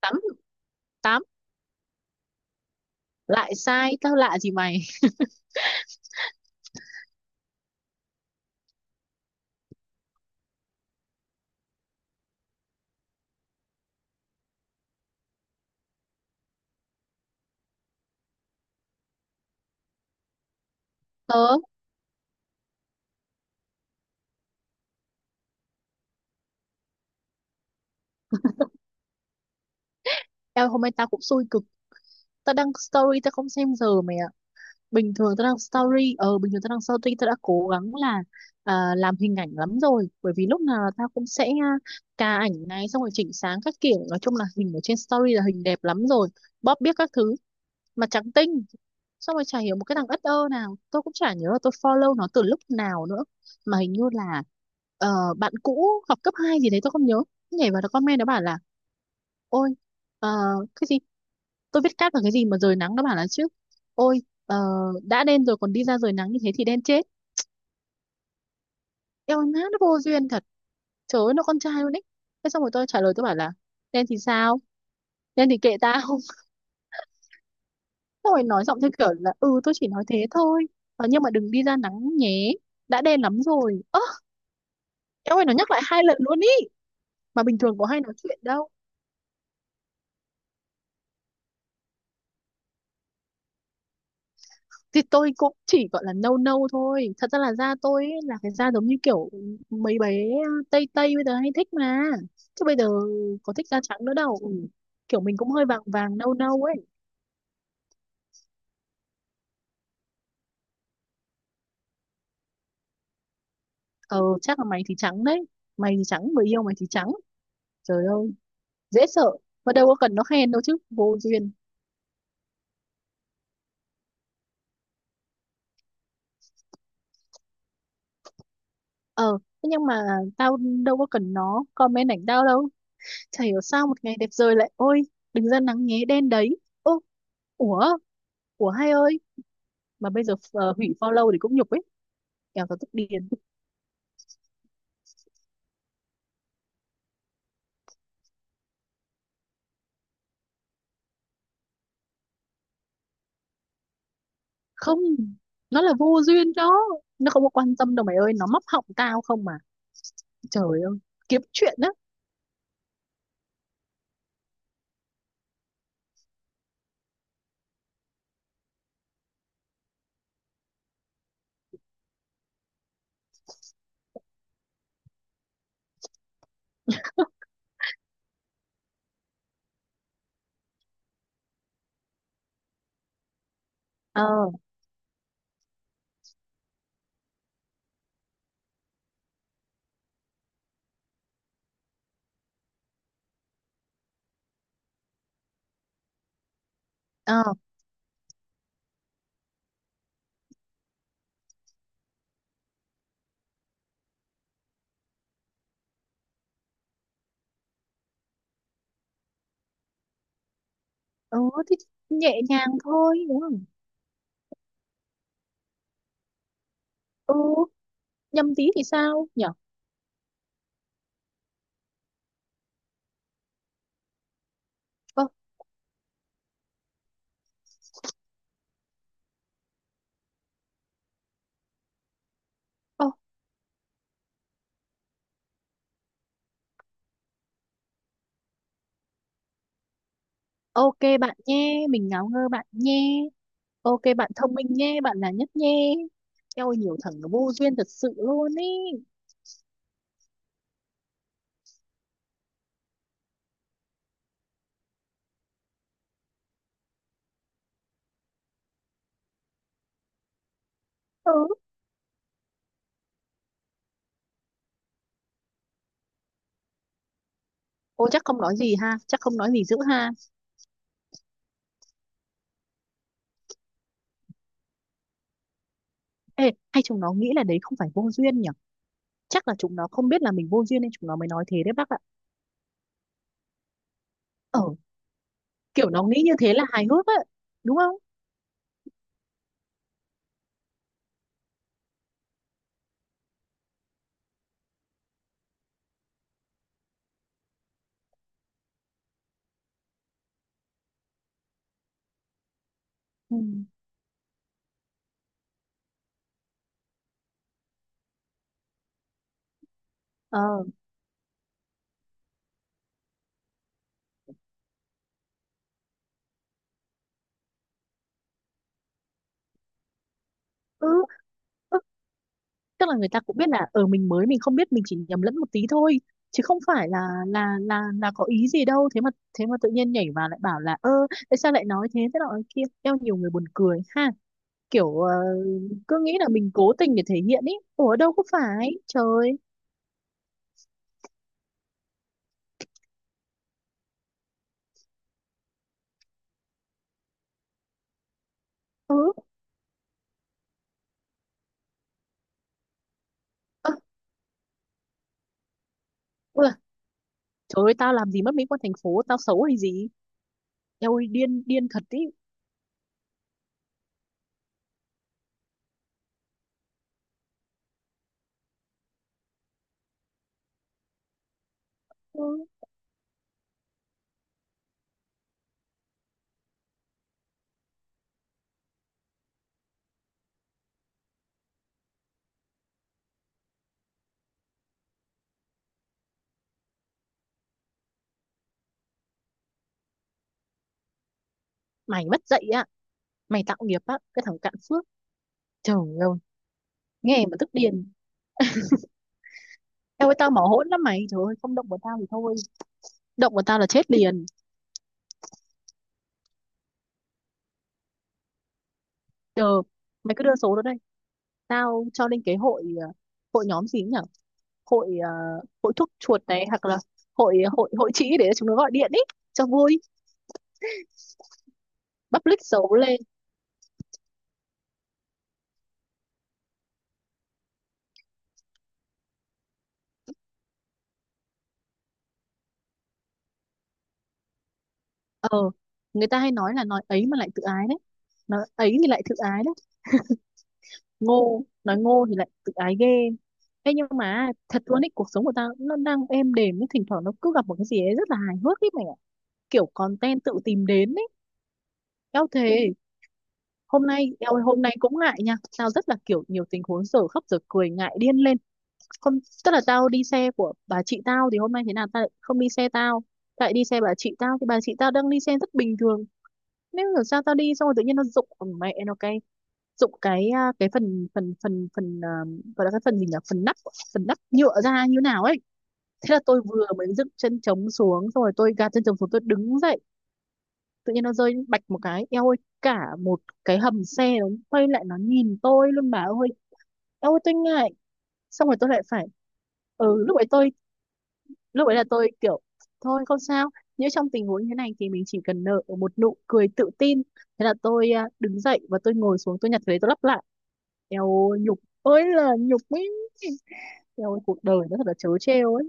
Tám. Tám. Lại sai, tao lạ gì mày. tớ em hôm nay tao cũng xui cực. Tao đăng story tao không xem giờ mày ạ. Bình thường tao đăng story, bình thường tao đăng story tao đã cố gắng là, làm hình ảnh lắm rồi, bởi vì lúc nào tao cũng sẽ, cà ảnh này xong rồi chỉnh sáng các kiểu, nói chung là hình ở trên story là hình đẹp lắm rồi, bóp biết các thứ mà trắng tinh. Xong rồi chả hiểu một cái thằng ất ơ nào, tôi cũng chả nhớ là tôi follow nó từ lúc nào nữa, mà hình như là, bạn cũ học cấp 2 gì đấy tôi không nhớ, nhảy vào nó comment, nó bảo là ôi, ờ, cái gì, tôi viết cát là cái gì mà rời nắng. Nó bảo là chứ ôi, đã đen rồi còn đi ra rời nắng như thế thì đen chết. Eo má, nó vô duyên thật. Trời ơi, nó con trai luôn ấy. Thế xong rồi tôi trả lời, tôi bảo là đen thì sao, đen thì kệ tao. Rồi nói giọng theo kiểu là ừ tôi chỉ nói thế thôi. Nhưng mà đừng đi ra nắng nhé, đã đen lắm rồi. Ơ em ơi, nó nhắc lại hai lần luôn ý, mà bình thường có hay nói chuyện đâu. Thì tôi cũng chỉ gọi là nâu nâu thôi, thật ra là da tôi ý, là cái da giống như kiểu mấy bé tây tây bây giờ hay thích mà, chứ bây giờ có thích da trắng nữa đâu. Ừ. Kiểu mình cũng hơi vàng vàng nâu nâu ấy. Ờ Chắc là mày thì trắng đấy, mày thì trắng, người yêu mày thì trắng. Trời ơi, dễ sợ. Mà đâu có cần nó khen đâu chứ, vô duyên. Ờ, thế nhưng mà tao đâu có cần nó comment ảnh tao đâu. Chả hiểu sao một ngày đẹp trời lại ôi, đừng ra nắng nhé, đen đấy. Ô, ủa, ủa hay ơi. Mà bây giờ hủy follow thì cũng nhục ấy. Kẻo tao tức điên. Không, nó là vô duyên đó. Nó không có quan tâm đâu mày ơi, nó móc họng tao không mà. Trời ơi, kiếm chuyện á. Ờ. Ờ. Ờ. Thì nhẹ nhàng thôi, đúng không? Ừ, nhầm tí thì sao nhở? Ờ. Ờ. Ok bạn nhé, mình ngáo ngơ bạn nhé. Ok bạn thông minh nhé, bạn là nhất nhé. Eo ơi, nhiều thằng nó vô duyên thật sự luôn ý. Ừ. Ô, chắc không nói gì ha, chắc không nói gì dữ ha. Ê, hay chúng nó nghĩ là đấy không phải vô duyên nhỉ? Chắc là chúng nó không biết là mình vô duyên nên chúng nó mới nói thế đấy bác ạ. Ờ, kiểu nó nghĩ như thế là hài hước á, đúng không? Ừ. Ờ. Ừ. Ừ. Tức là người ta cũng biết là ở mình mới, mình không biết, mình chỉ nhầm lẫn một tí thôi, chứ không phải là có ý gì đâu. Thế mà thế mà tự nhiên nhảy vào lại bảo là ơ tại sao lại nói thế, thế nọ thế kia. Eo, nhiều người buồn cười ha. Kiểu cứ nghĩ là mình cố tình để thể hiện ý, ủa đâu có phải trời. Ừ. Ơ, ôi là, trời ơi tao làm gì mất mỹ quan thành phố, tao xấu hay gì. Eo ơi điên điên thật ý. Ừ. Mày mất dạy ạ, mày tạo nghiệp á cái thằng cạn phước. Trời ơi, nghe mà tức điên. Tao ơi tao mỏ hỗn lắm mày, trời ơi không động vào tao thì thôi, động vào tao là chết liền. Ờ, mày cứ đưa số đó đây, tao cho lên cái hội, hội nhóm gì nhỉ, hội, hội thuốc chuột này, hoặc là hội hội hội trĩ để chúng nó gọi điện ý, cho vui, public xấu lên. Ờ, người ta hay nói là nói ấy mà lại tự ái đấy, nói ấy thì lại tự ái đấy, ngô nói ngô thì lại tự ái ghê. Thế nhưng mà thật luôn ý, cuộc sống của tao nó đang êm đềm nhưng thỉnh thoảng nó cứ gặp một cái gì ấy rất là hài hước ấy mày ạ. Kiểu content tự tìm đến ấy. Eo, thề. Hôm nay eo ơi, hôm nay cũng ngại nha, tao rất là kiểu nhiều tình huống dở khóc dở cười, ngại điên lên. Không, tức là tao đi xe của bà chị tao, thì hôm nay thế nào tao lại không đi xe tao, tại đi xe bà chị tao thì bà chị tao đang đi xe rất bình thường, nếu là sao tao đi xong rồi tự nhiên nó rụng, mẹ nó cái, rụng cái, cái phần phần phần phần à, gọi là cái phần gì nhỉ, phần nắp, phần nắp nhựa ra như nào ấy. Thế là tôi vừa mới dựng chân chống xuống, xong rồi tôi gạt chân chống xuống, tôi đứng dậy, tự nhiên nó rơi bạch một cái, eo ơi cả một cái hầm xe nó quay lại nó nhìn tôi luôn bà ơi. Eo ơi tôi ngại. Xong rồi tôi lại phải, lúc ấy tôi, lúc ấy là tôi kiểu thôi không sao, nếu trong tình huống như thế này thì mình chỉ cần nở một nụ cười tự tin. Thế là tôi, đứng dậy và tôi ngồi xuống, tôi nhặt cái đấy tôi lắp lại. Eo ơi, nhục ơi là nhục ấy. Eo ơi, cuộc đời nó thật là trớ trêu ấy.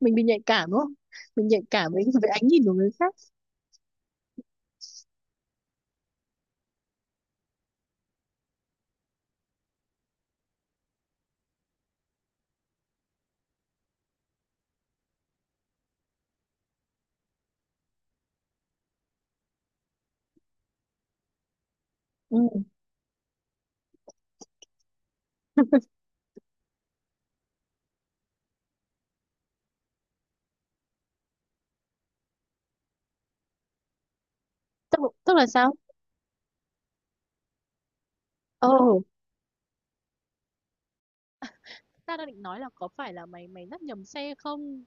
Mình bị nhạy cảm đúng không, mình nhạy cảm với với ánh nhìn của người khác. Ừ. tức, tức là sao? Ờ. Ta đang định nói là có phải là mày mày dắt nhầm xe không?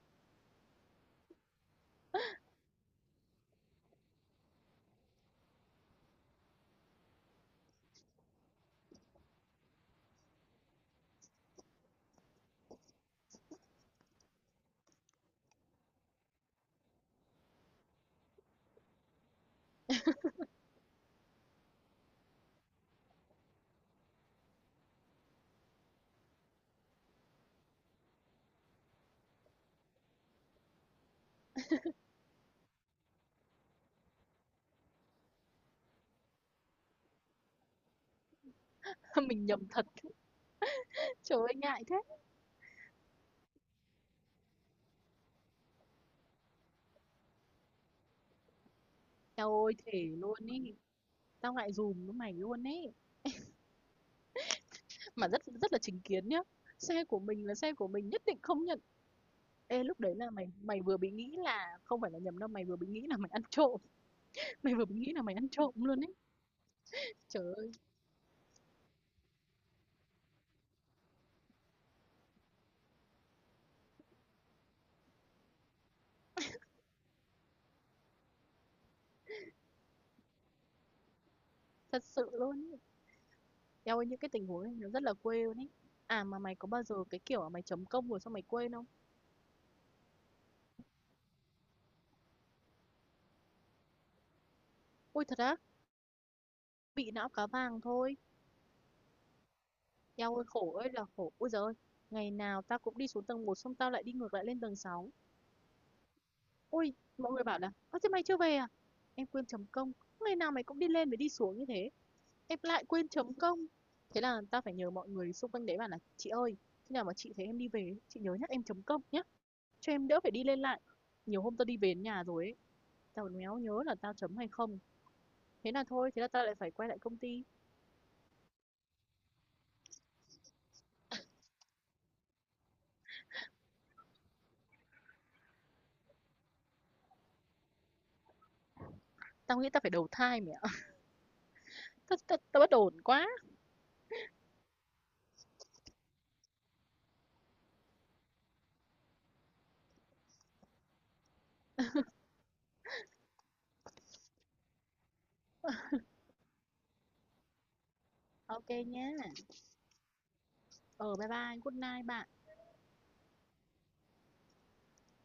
Mình nhầm thật. Trời ơi ngại thế. Eo ơi thể luôn ý. Tao ngại dùm với mày luôn ý. Mà rất rất là chính kiến nhá. Xe của mình là xe của mình, nhất định không nhận. Ê lúc đấy là mày mày vừa bị nghĩ là không phải là nhầm đâu, mày vừa bị nghĩ là mày ăn trộm. Mày vừa bị nghĩ là mày ăn trộm luôn ấy. Trời ơi, thật sự luôn ý. Eo ơi những cái tình huống này nó rất là quê luôn ý. À mà mày có bao giờ cái kiểu là mày chấm công rồi xong mày quên không? Ôi thật á, bị não cá vàng thôi. Eo ơi khổ ơi là khổ. Ôi giời ơi, ngày nào tao cũng đi xuống tầng một, xong tao lại đi ngược lại lên tầng sáu. Ôi, mọi người bảo là ơ thế mày chưa về à, em quên chấm công. Ngày nào mày cũng đi lên và đi xuống như thế. Em lại quên chấm công. Thế là tao phải nhờ mọi người xung quanh đấy bảo là chị ơi, khi nào mà chị thấy em đi về chị nhớ nhắc em chấm công nhé, cho em đỡ phải đi lên lại. Nhiều hôm tao đi về đến nhà rồi ấy, tao còn méo nhớ là tao chấm hay không. Thế là thôi, thế là tao lại phải quay lại công ty. Tao nghĩ tao phải đầu thai mẹ. Tao bất ổn quá. Ok nhá. Ờ bye bye, good night bạn.